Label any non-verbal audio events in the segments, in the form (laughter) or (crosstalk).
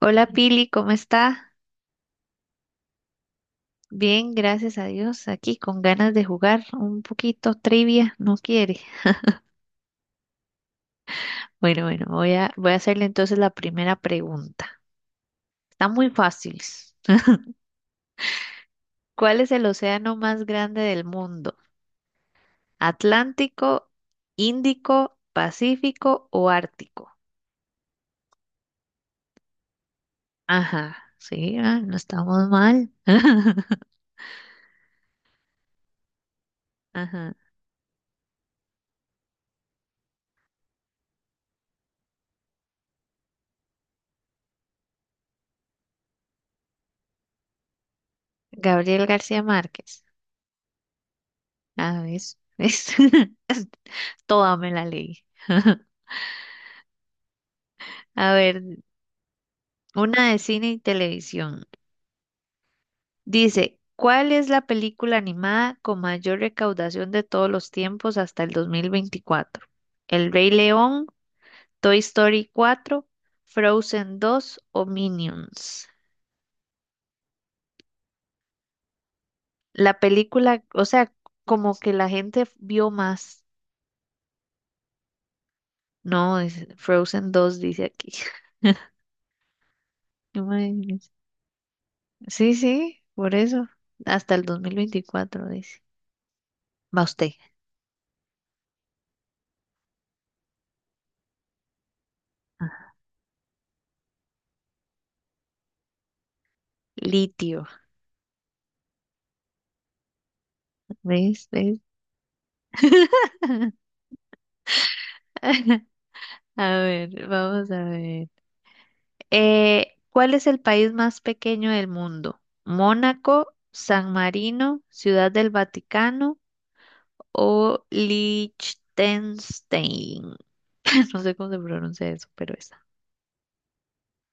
Hola Pili, ¿cómo está? Bien, gracias a Dios, aquí con ganas de jugar un poquito trivia, ¿no quiere? Bueno, bueno, voy a hacerle entonces la primera pregunta. Está muy fácil. (laughs) ¿Cuál es el océano más grande del mundo? ¿Atlántico, Índico, Pacífico o Ártico? Ajá, sí, ah, no estamos mal. (laughs) Ajá. Gabriel García Márquez. Ah, ¿ves? ¿Ves? (laughs) Toda me la leí. (laughs) A ver, una de cine y televisión. Dice, ¿cuál es la película animada con mayor recaudación de todos los tiempos hasta el 2024? ¿El Rey León, Toy Story cuatro, Frozen dos o Minions? La película, o sea, como que la gente vio más. No, es Frozen dos, dice aquí. (laughs) Imagínese. Sí, sí, por eso. Hasta el 2024 dice. Va usted. Litio, ¿ves? (laughs) A ver, vamos a ver. ¿Cuál es el país más pequeño del mundo? ¿Mónaco, San Marino, Ciudad del Vaticano o Liechtenstein? (laughs) No sé cómo se pronuncia eso, pero esa.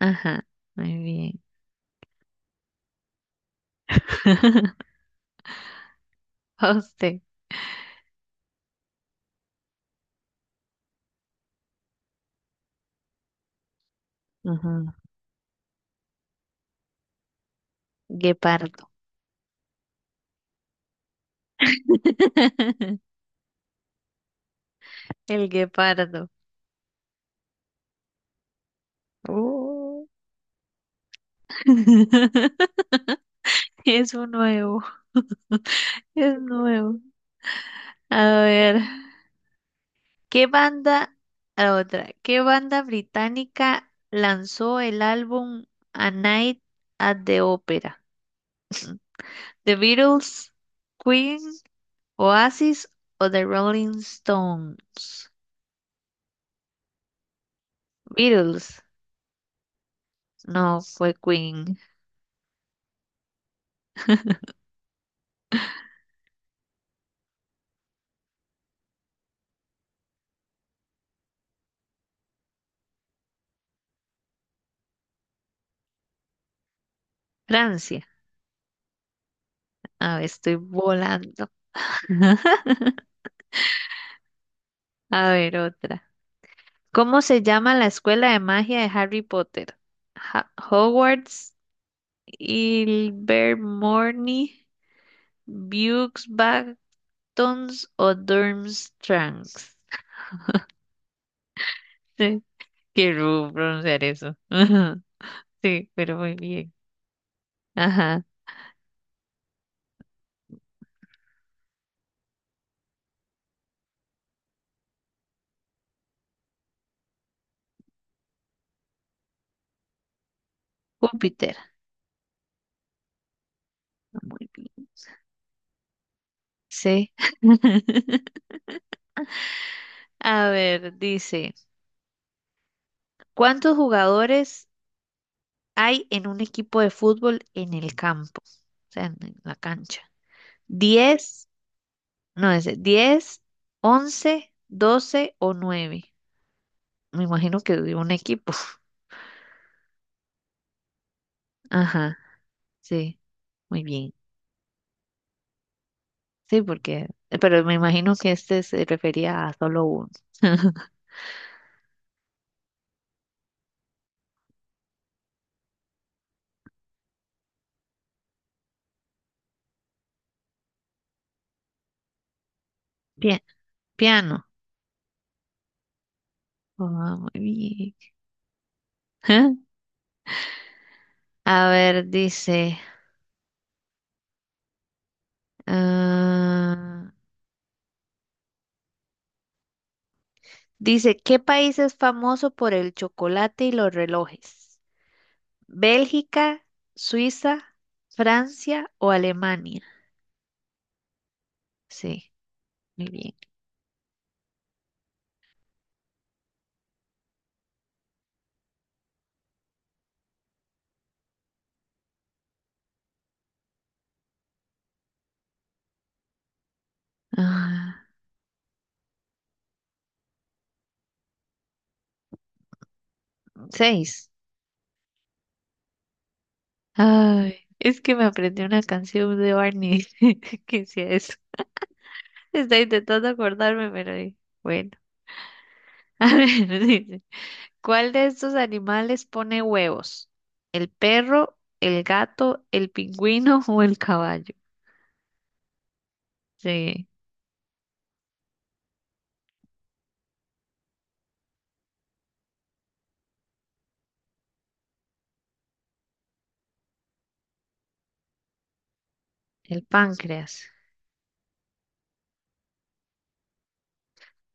Ajá, muy bien. (laughs) A usted. Ajá. Guepardo. (laughs) El guepardo. Oh. (laughs) Es un nuevo, es nuevo. A ver. ¿Qué banda, la otra, qué banda británica lanzó el álbum A Night at the Opera? ¿The Beatles, Queen, Oasis o The Rolling Stones? Beatles, no fue Queen. Francia, a ver, estoy volando. A ver, otra. ¿Cómo se llama la escuela de magia de Harry Potter? Hogwarts, Ilvermorny, Buxbach Tons o Durmstrang. (laughs) Quiero pronunciar eso. (laughs) Ajá, sí, pero muy bien. Ajá. Júpiter. Ah, muy bien. Sí. (laughs) A ver, dice, ¿cuántos jugadores hay en un equipo de fútbol en el campo? O sea, en la cancha. ¿Diez? No, es 10, 11, 12 o nueve. Me imagino que de un equipo. Ajá, sí, muy bien. Sí, porque, pero me imagino que este se refería a solo uno. (laughs) Pia- piano. Ah, muy bien. (laughs) A ver, dice, ah, dice, ¿qué país es famoso por el chocolate y los relojes? ¿Bélgica, Suiza, Francia o Alemania? Sí, muy bien. Ah, seis. Ay, es que me aprendí una canción de Barney (laughs) que decía eso. Estoy intentando acordarme, pero bueno. (laughs) A ver, dice, ¿cuál de estos animales pone huevos? ¿El perro, el gato, el pingüino o el caballo? Sí, el páncreas.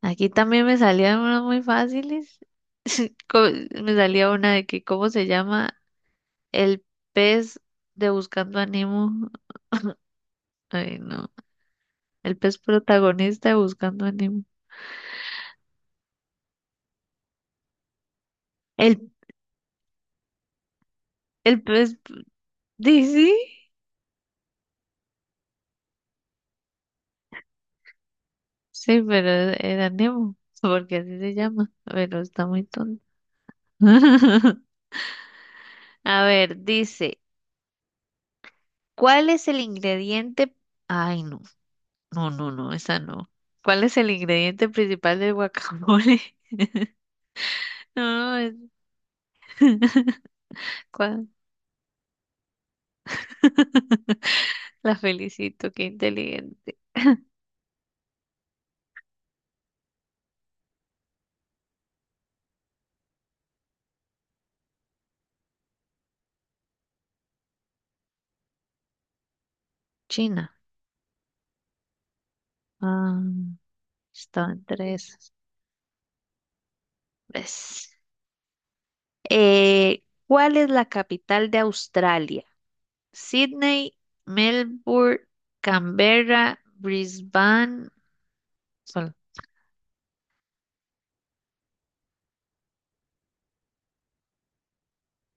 Aquí también me salían unas muy fáciles. (laughs) Co- Me salía una de que, ¿cómo se llama? El pez de Buscando a Nemo. Ay, no. El pez protagonista de Buscando a Nemo. El, el pez, ¿sí? Sí, pero era Nemo, (laughs) porque así se llama. Pero está muy tonto. (laughs) A ver, dice, ¿cuál es el ingrediente? Ay, no, no, no, no, esa no. ¿Cuál es el ingrediente principal del guacamole? (laughs) No, es- (laughs) ¿cuál? (laughs) La felicito, qué inteligente. China. Ah, estaba entre esas. ¿Ves? ¿Cuál es la capital de Australia? Sydney, Melbourne, Canberra, Brisbane. Sol-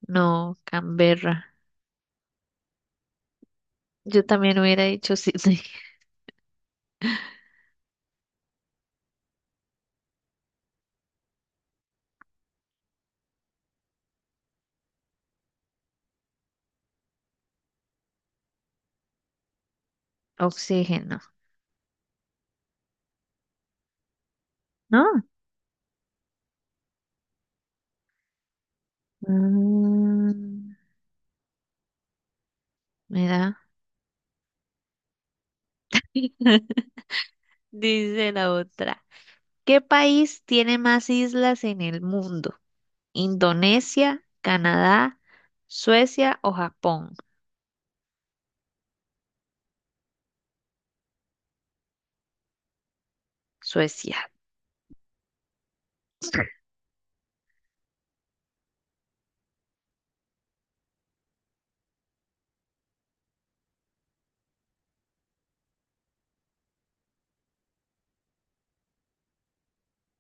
No, Canberra. Yo también hubiera dicho (laughs) oxígeno, ¿no? Mm, mira, (laughs) dice la otra. ¿Qué país tiene más islas en el mundo? ¿Indonesia, Canadá, Suecia o Japón? Suecia.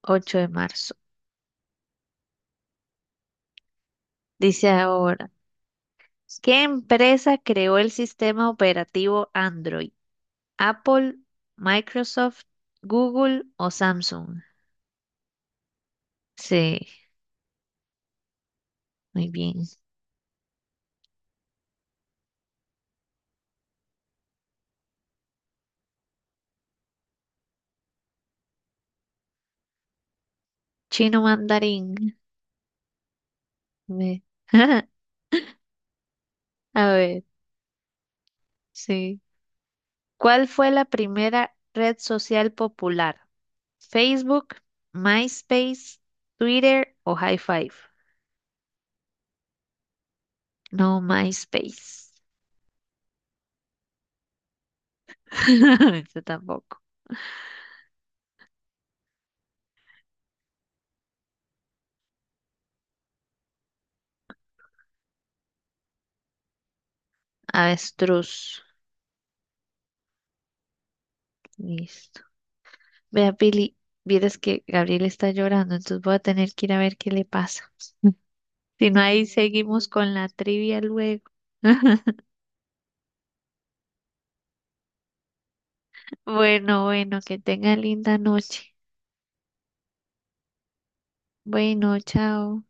8 de marzo. Dice ahora, ¿qué empresa creó el sistema operativo Android? ¿Apple, Microsoft, Google o Samsung? Sí, muy bien. Chino mandarín. Ve. (laughs) A ver, sí. ¿Cuál fue la primera red social popular? ¿Facebook, MySpace, Twitter o High Five? No, MySpace. (laughs) Yo tampoco. Avestruz. Listo. Vea, Pili, vieras que Gabriel está llorando, entonces voy a tener que ir a ver qué le pasa. (laughs) Si no, ahí seguimos con la trivia luego. (laughs) Bueno, bueno, que tenga linda noche. Bueno, chao.